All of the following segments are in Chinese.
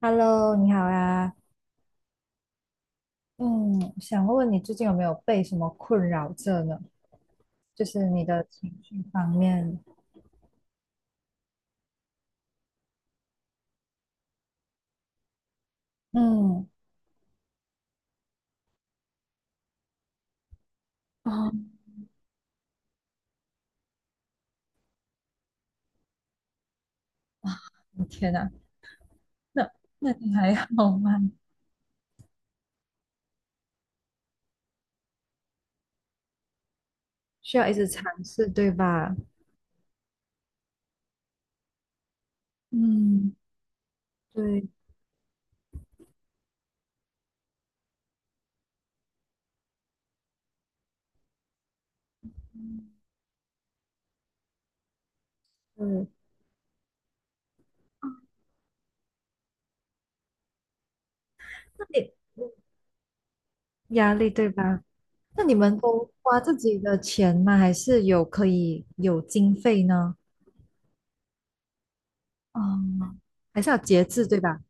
Hello，你好呀。嗯，想问问你最近有没有被什么困扰着呢？就是你的情绪方面。嗯。哦。我天哪，那你还好吗？需要一直尝试，对吧？嗯。对。对。那你压力对吧？那你们都花自己的钱吗？还是有可以有经费呢？嗯，还是要节制，对吧？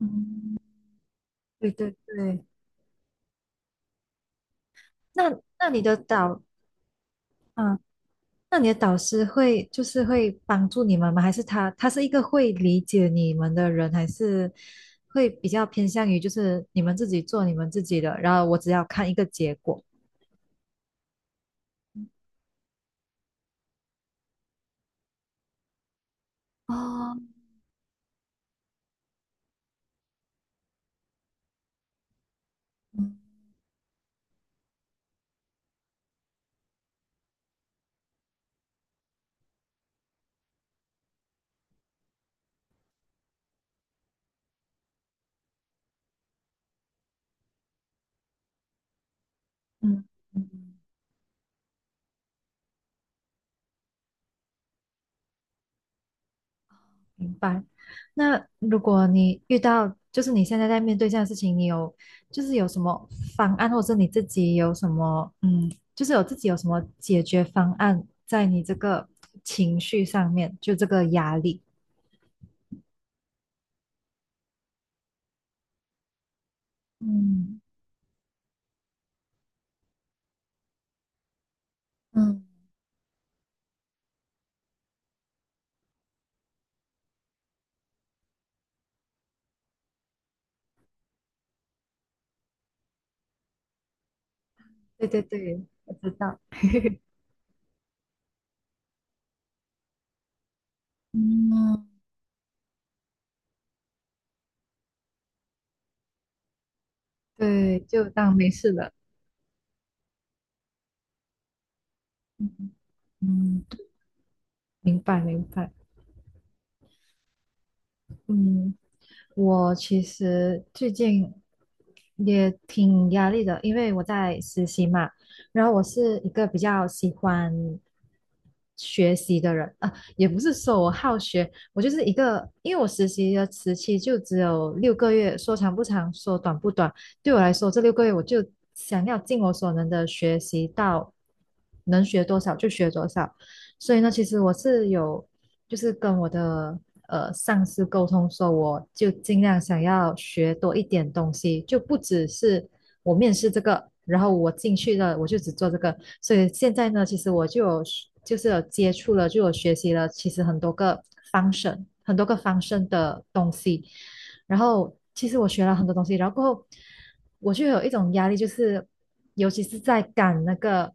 嗯，对对对。那那你的导，啊，那你的导师会就是会帮助你们吗？还是他是一个会理解你们的人，还是会比较偏向于就是你们自己做你们自己的，然后我只要看一个结果。哦。嗯嗯嗯。明白。那如果你遇到就是你现在在面对这样的事情，你有就是有什么方案，或者是你自己有什么就是有自己有什么解决方案在你这个情绪上面，就这个压力。嗯。嗯，对对对，我知道。嗯，对，就当没事了。嗯嗯，明白明白。嗯，我其实最近也挺压力的，因为我在实习嘛。然后我是一个比较喜欢学习的人啊，也不是说我好学，我就是一个，因为我实习的时期就只有六个月，说长不长，说短不短。对我来说，这六个月我就想要尽我所能的学习到能学多少就学多少。所以呢，其实我是有就是跟我的上司沟通说，我就尽量想要学多一点东西，就不只是我面试这个，然后我进去了我就只做这个。所以现在呢，其实我就有就是有接触了，就有学习了，其实很多个 function 的东西，然后其实我学了很多东西，然后过后我就有一种压力，就是尤其是在赶那个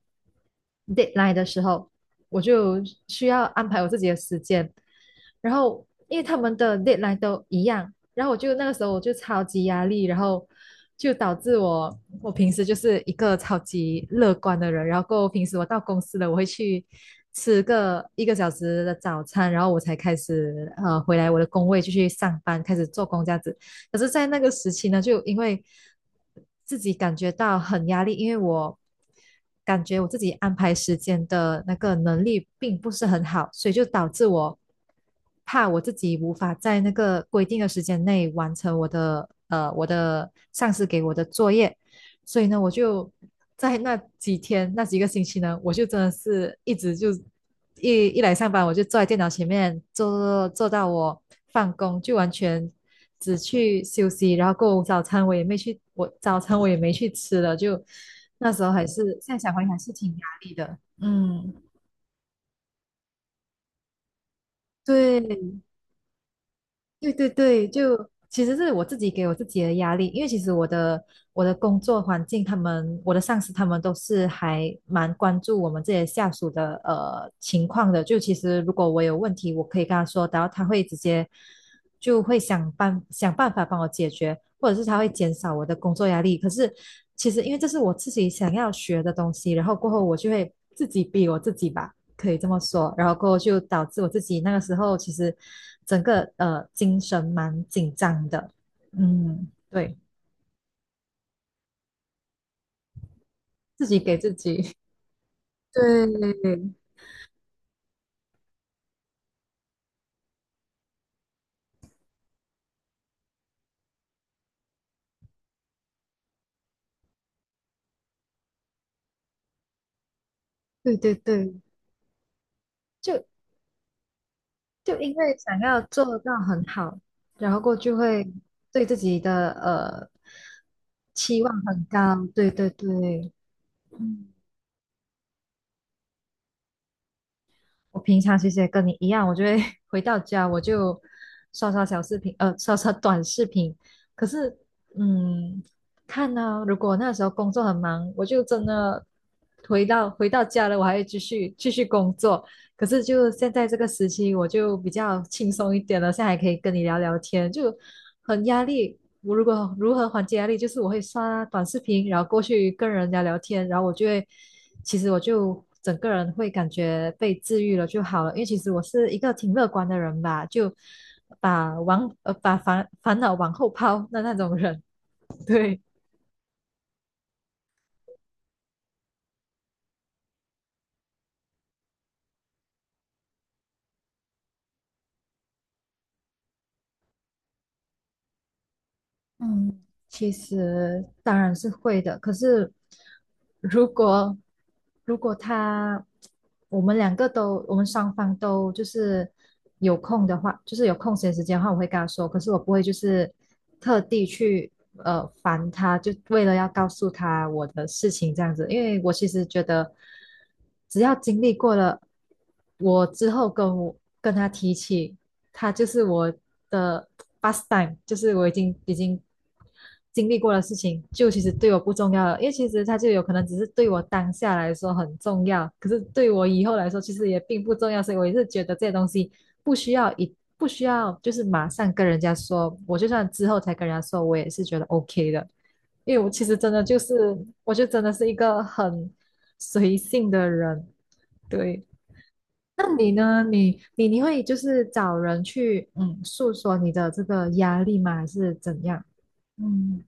deadline 的时候。我就需要安排我自己的时间。然后因为他们的 deadline 都一样，然后我就那个时候我就超级压力，然后就导致我平时就是一个超级乐观的人，然后平时我到公司了，我会去吃个一个小时的早餐，然后我才开始回来我的工位就去上班，开始做工这样子。可是，在那个时期呢，就因为自己感觉到很压力，因为我感觉我自己安排时间的那个能力并不是很好，所以就导致我怕我自己无法在那个规定的时间内完成我的我的上司给我的作业，所以呢，我就在那几天那几个星期呢，我就真的是一直就一来上班我就坐在电脑前面坐到我放工，就完全只去休息，然后过后早餐我也没去，我早餐我也没去吃了，就那时候还是现在想回还是挺压力的，嗯。对。对对对。就其实是我自己给我自己的压力，因为其实我的我的工作环境，他们我的上司他们都是还蛮关注我们这些下属的情况的。就其实如果我有问题，我可以跟他说，然后他会直接就会想办法帮我解决，或者是他会减少我的工作压力。可是其实因为这是我自己想要学的东西，然后过后我就会自己逼我自己吧。可以这么说。然后过后就导致我自己那个时候其实整个精神蛮紧张的，嗯，对，自己给自己，对，对对对，就就因为想要做到很好，然后过后就会对自己的期望很高，对对对，嗯。我平常其实也跟你一样，我就会 回到家我就刷刷小视频，刷刷短视频。可是，嗯，看呢、如果那时候工作很忙，我就真的回到家了，我还会继续工作。可是就现在这个时期，我就比较轻松一点了，现在还可以跟你聊聊天，就很压力。我如果如何缓解压力，就是我会刷短视频，然后过去跟人家聊天，然后我就会，其实我就整个人会感觉被治愈了就好了。因为其实我是一个挺乐观的人吧，就把把烦恼往后抛的那种人，对。嗯，其实当然是会的，可是如果如果他我们双方都就是有空的话，就是有空闲时间的话，我会跟他说，可是我不会就是特地去烦他，就为了要告诉他我的事情这样子，因为我其实觉得只要经历过了，我之后跟我跟他提起，他就是我的 pastime，就是我已经。经历过的事情，就其实对我不重要了，因为其实它就有可能只是对我当下来说很重要，可是对我以后来说其实也并不重要，所以我也是觉得这些东西不需要就是马上跟人家说，我就算之后才跟人家说，我也是觉得 OK 的，因为我其实真的就是，我就真的是一个很随性的人，对。那你呢？你你会就是找人去诉说你的这个压力吗？还是怎样？嗯。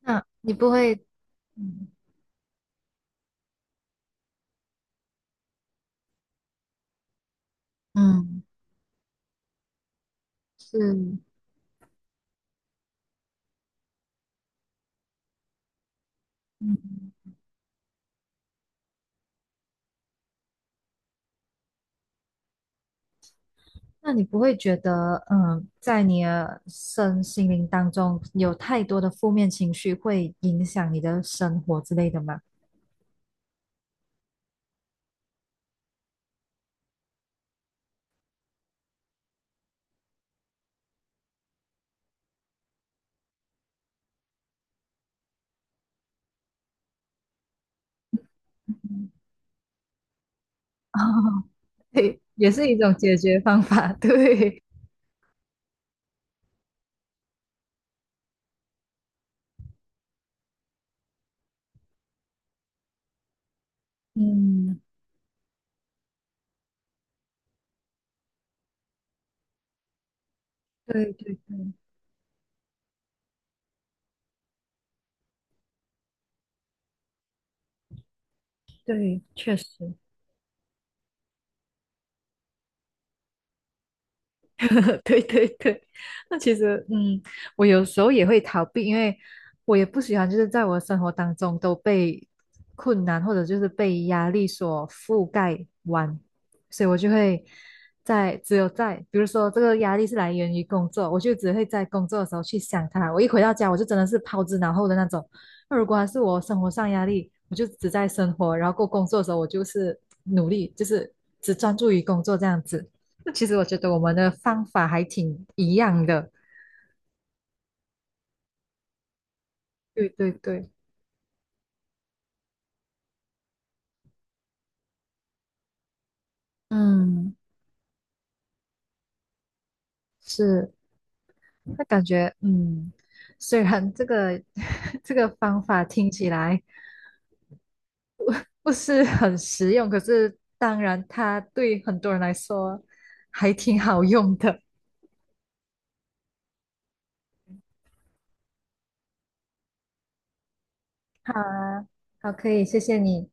那你不会，嗯嗯，是，嗯，那你不会觉得，嗯，在你的身心灵当中有太多的负面情绪会影响你的生活之类的吗？哦，对，也是一种解决方法，对，嗯，对对对，确实，对对对，那其实，嗯，我有时候也会逃避，因为我也不喜欢，就是在我的生活当中都被困难或者就是被压力所覆盖完，所以我就会在只有在，比如说这个压力是来源于工作，我就只会在工作的时候去想它。我一回到家，我就真的是抛之脑后的那种。那如果还是我生活上压力，我就只在生活，然后过工作的时候，我就是努力，就是只专注于工作这样子。那其实我觉得我们的方法还挺一样的。对对对，嗯，是，那感觉，嗯，虽然这个 这个方法听起来不是很实用，可是当然它对很多人来说还挺好用的。好啊，好，可以，谢谢你。